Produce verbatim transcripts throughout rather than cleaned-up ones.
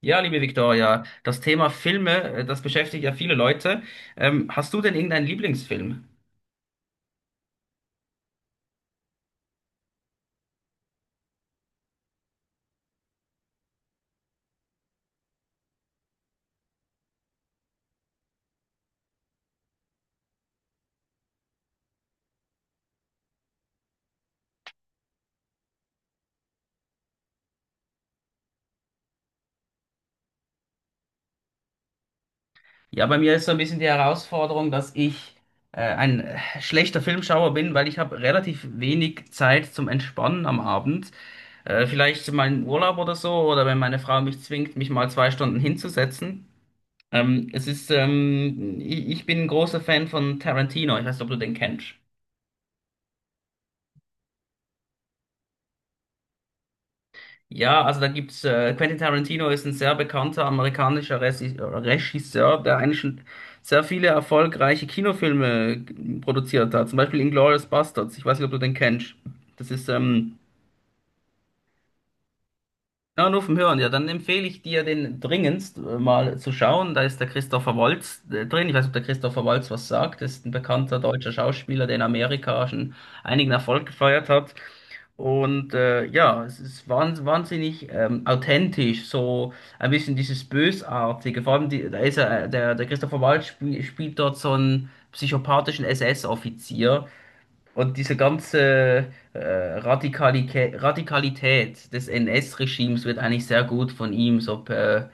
Ja, liebe Viktoria, das Thema Filme, äh, das beschäftigt ja viele Leute. Ähm, hast du denn irgendeinen Lieblingsfilm? Ja, bei mir ist so ein bisschen die Herausforderung, dass ich äh, ein äh, schlechter Filmschauer bin, weil ich habe relativ wenig Zeit zum Entspannen am Abend. Äh, vielleicht mal im Urlaub oder so, oder wenn meine Frau mich zwingt, mich mal zwei Stunden hinzusetzen. Ähm, es ist, ähm, ich, ich bin ein großer Fan von Tarantino. Ich weiß nicht, ob du den kennst. Ja, also da gibt's äh, Quentin Tarantino ist ein sehr bekannter amerikanischer Resi- Regisseur, der eigentlich schon sehr viele erfolgreiche Kinofilme g- produziert hat. Zum Beispiel Inglourious Basterds. Ich weiß nicht, ob du den kennst. Das ist ähm, ja, nur vom Hören. Ja, dann empfehle ich dir den dringendst äh, mal zu schauen. Da ist der Christopher Waltz äh, drin. Ich weiß nicht, ob der Christopher Waltz was sagt. Das ist ein bekannter deutscher Schauspieler, der in Amerika schon einigen Erfolg gefeiert hat. Und äh, ja, es ist wahns- wahnsinnig ähm, authentisch, so ein bisschen dieses Bösartige. Vor allem, die, da ist er, äh, der, der Christopher Waltz spiel, spielt dort so einen psychopathischen S S-Offizier. Und diese ganze äh, Radikalität, Radikalität des N S-Regimes wird eigentlich sehr gut von ihm so per,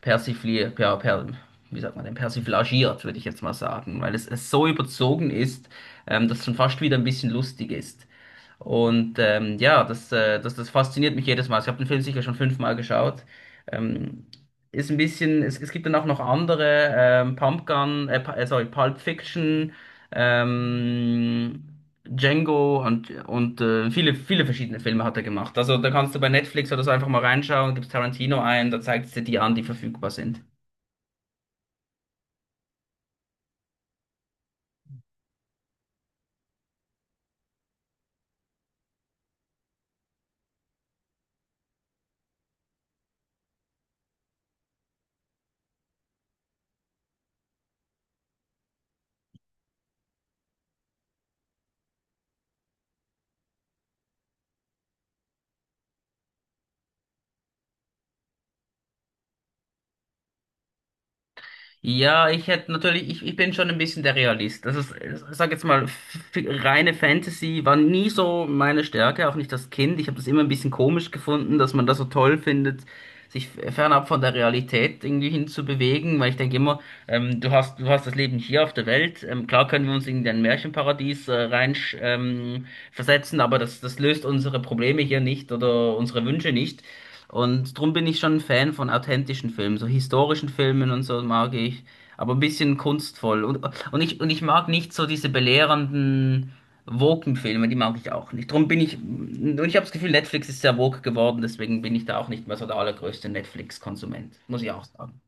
persifliert, per, per, wie sagt man denn, persiflagiert, würde ich jetzt mal sagen, weil es, es so überzogen ist, ähm, dass es schon fast wieder ein bisschen lustig ist. Und ähm, ja, das, äh, das, das fasziniert mich jedes Mal. Also ich habe den Film sicher schon fünfmal geschaut. Ähm, Ist ein bisschen, es, es gibt dann auch noch andere, ähm, Pumpgun, äh, Pu- äh, sorry, Pulp Fiction, ähm, Django und, und äh, viele, viele verschiedene Filme hat er gemacht. Also da kannst du bei Netflix oder so einfach mal reinschauen, gibst Tarantino ein, da zeigt es dir die an, die verfügbar sind. Ja, ich hätte natürlich, ich, ich bin schon ein bisschen der Realist. Das ist, ich sag jetzt mal, f- reine Fantasy war nie so meine Stärke, auch nicht das Kind. Ich habe das immer ein bisschen komisch gefunden, dass man das so toll findet, sich f- fernab von der Realität irgendwie hinzubewegen, weil ich denke immer, ähm, du hast, du hast das Leben hier auf der Welt. Ähm, klar können wir uns in ein Märchenparadies äh, rein ähm, versetzen, aber das, das löst unsere Probleme hier nicht oder unsere Wünsche nicht. Und drum bin ich schon ein Fan von authentischen Filmen, so historischen Filmen und so mag ich, aber ein bisschen kunstvoll. Und, und ich, und ich mag nicht so diese belehrenden Woken-Filme, die mag ich auch nicht. Drum bin ich, und ich habe das Gefühl, Netflix ist sehr woke geworden, deswegen bin ich da auch nicht mehr so der allergrößte Netflix-Konsument, muss ich auch sagen.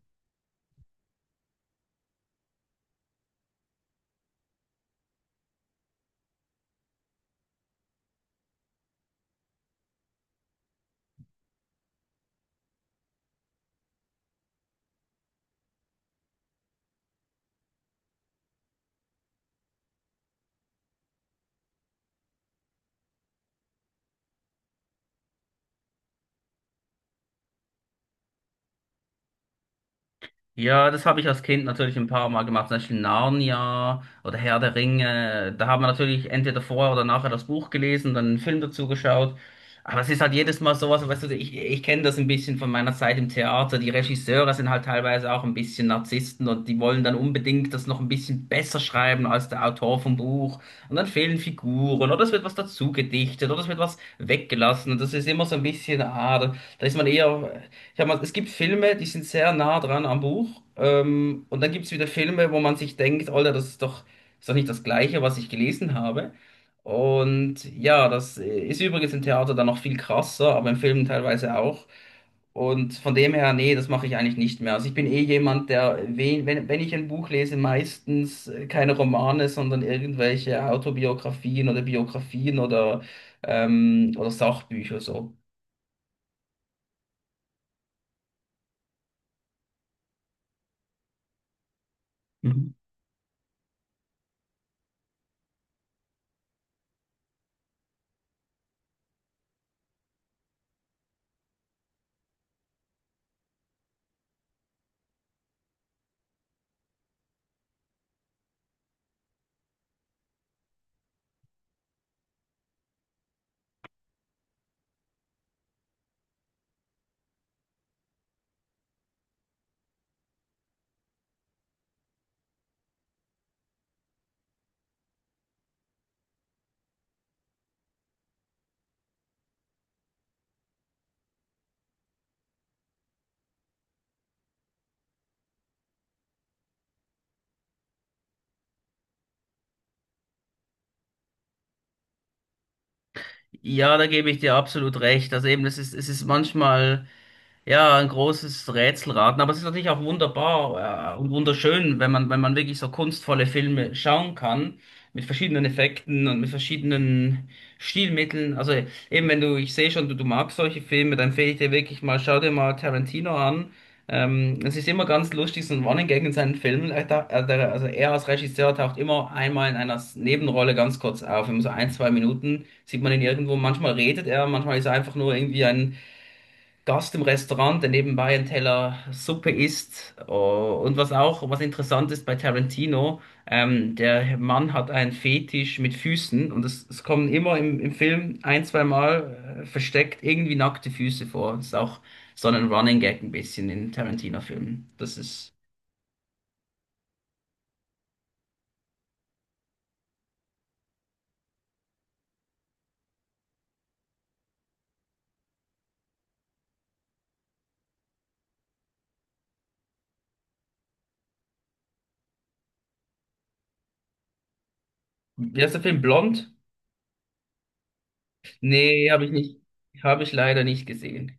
Ja, das habe ich als Kind natürlich ein paar Mal gemacht, zum Beispiel Narnia oder Herr der Ringe. Da haben wir natürlich entweder vorher oder nachher das Buch gelesen, dann einen Film dazu geschaut. Aber es ist halt jedes Mal sowas, weißt du, ich, ich kenne das ein bisschen von meiner Zeit im Theater. Die Regisseure sind halt teilweise auch ein bisschen Narzissten und die wollen dann unbedingt das noch ein bisschen besser schreiben als der Autor vom Buch. Und dann fehlen Figuren oder es wird was dazu gedichtet oder es wird was weggelassen. Und das ist immer so ein bisschen, ah, da da ist man eher. Ich hab mal, es gibt Filme, die sind sehr nah dran am Buch. Ähm, und dann gibt es wieder Filme, wo man sich denkt, Alter, das ist doch, ist doch nicht das Gleiche, was ich gelesen habe. Und ja, das ist übrigens im Theater dann noch viel krasser, aber im Film teilweise auch. Und von dem her, nee, das mache ich eigentlich nicht mehr. Also ich bin eh jemand, der, wen- wenn, wenn ich ein Buch lese, meistens äh, keine Romane, sondern irgendwelche Autobiografien oder Biografien oder, ähm, oder Sachbücher so. Ja, da gebe ich dir absolut recht. Also eben, das ist, es ist manchmal. Ja, ein großes Rätselraten, aber es ist natürlich auch wunderbar äh, und wunderschön, wenn man, wenn man wirklich so kunstvolle Filme schauen kann, mit verschiedenen Effekten und mit verschiedenen Stilmitteln. Also eben wenn du, ich sehe schon, du, du magst solche Filme, dann empfehle ich dir wirklich mal, schau dir mal Tarantino an. Ähm, es ist immer ganz lustig, so ein Running Gag in seinen Filmen. Er taucht- er- der- Also er als Regisseur taucht immer einmal in einer Nebenrolle ganz kurz auf, immer so ein, zwei Minuten sieht man ihn irgendwo. Manchmal redet er, manchmal ist er einfach nur irgendwie ein Gast im Restaurant, der nebenbei einen Teller Suppe isst. Oh, und was auch, was interessant ist bei Tarantino, ähm, der Mann hat einen Fetisch mit Füßen und es, es kommen immer im, im Film ein, zwei Mal äh, versteckt irgendwie nackte Füße vor. Das ist auch so ein Running Gag ein bisschen in Tarantino-Filmen. Das ist, wie heißt der Film? Blond? Nee, habe ich nicht, habe ich leider nicht gesehen.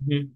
Mhm.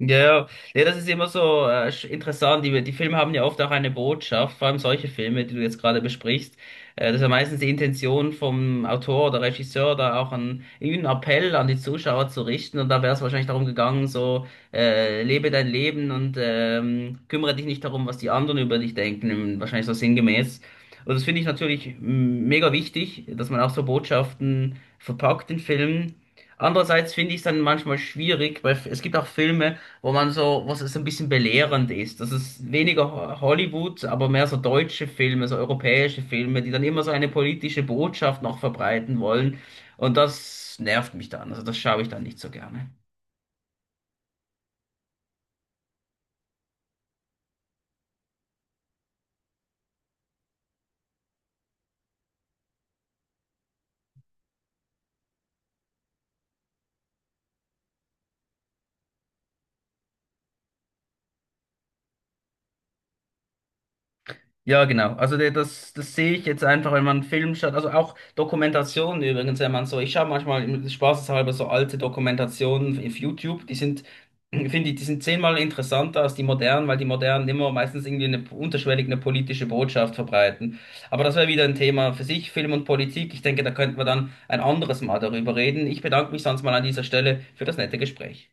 Ja, ja, ja, das ist immer so äh, sch- interessant. Die, die Filme haben ja oft auch eine Botschaft, vor allem solche Filme, die du jetzt gerade besprichst. Äh, das ist ja meistens die Intention vom Autor oder Regisseur, da auch einen, einen Appell an die Zuschauer zu richten. Und da wäre es wahrscheinlich darum gegangen, so äh, lebe dein Leben und ähm, kümmere dich nicht darum, was die anderen über dich denken. Wahrscheinlich so sinngemäß. Und das finde ich natürlich m, mega wichtig, dass man auch so Botschaften verpackt in Filmen. Andererseits finde ich es dann manchmal schwierig, weil es gibt auch Filme, wo man so, was es ein bisschen belehrend ist. Das ist weniger Ho- Hollywood, aber mehr so deutsche Filme, so europäische Filme, die dann immer so eine politische Botschaft noch verbreiten wollen. Und das nervt mich dann. Also das schaue ich dann nicht so gerne. Ja, genau. Also der- das, das sehe ich jetzt einfach, wenn man einen Film schaut. Also auch Dokumentationen übrigens, wenn man so, ich schaue manchmal im- spaßeshalber so alte Dokumentationen auf YouTube, die sind, finde ich, die sind zehnmal interessanter als die modernen, weil die modernen immer meistens irgendwie eine unterschwellig eine politische Botschaft verbreiten. Aber das wäre wieder ein Thema für sich, Film und Politik. Ich denke, da könnten wir dann ein anderes Mal darüber reden. Ich bedanke mich sonst mal an dieser Stelle für das nette Gespräch.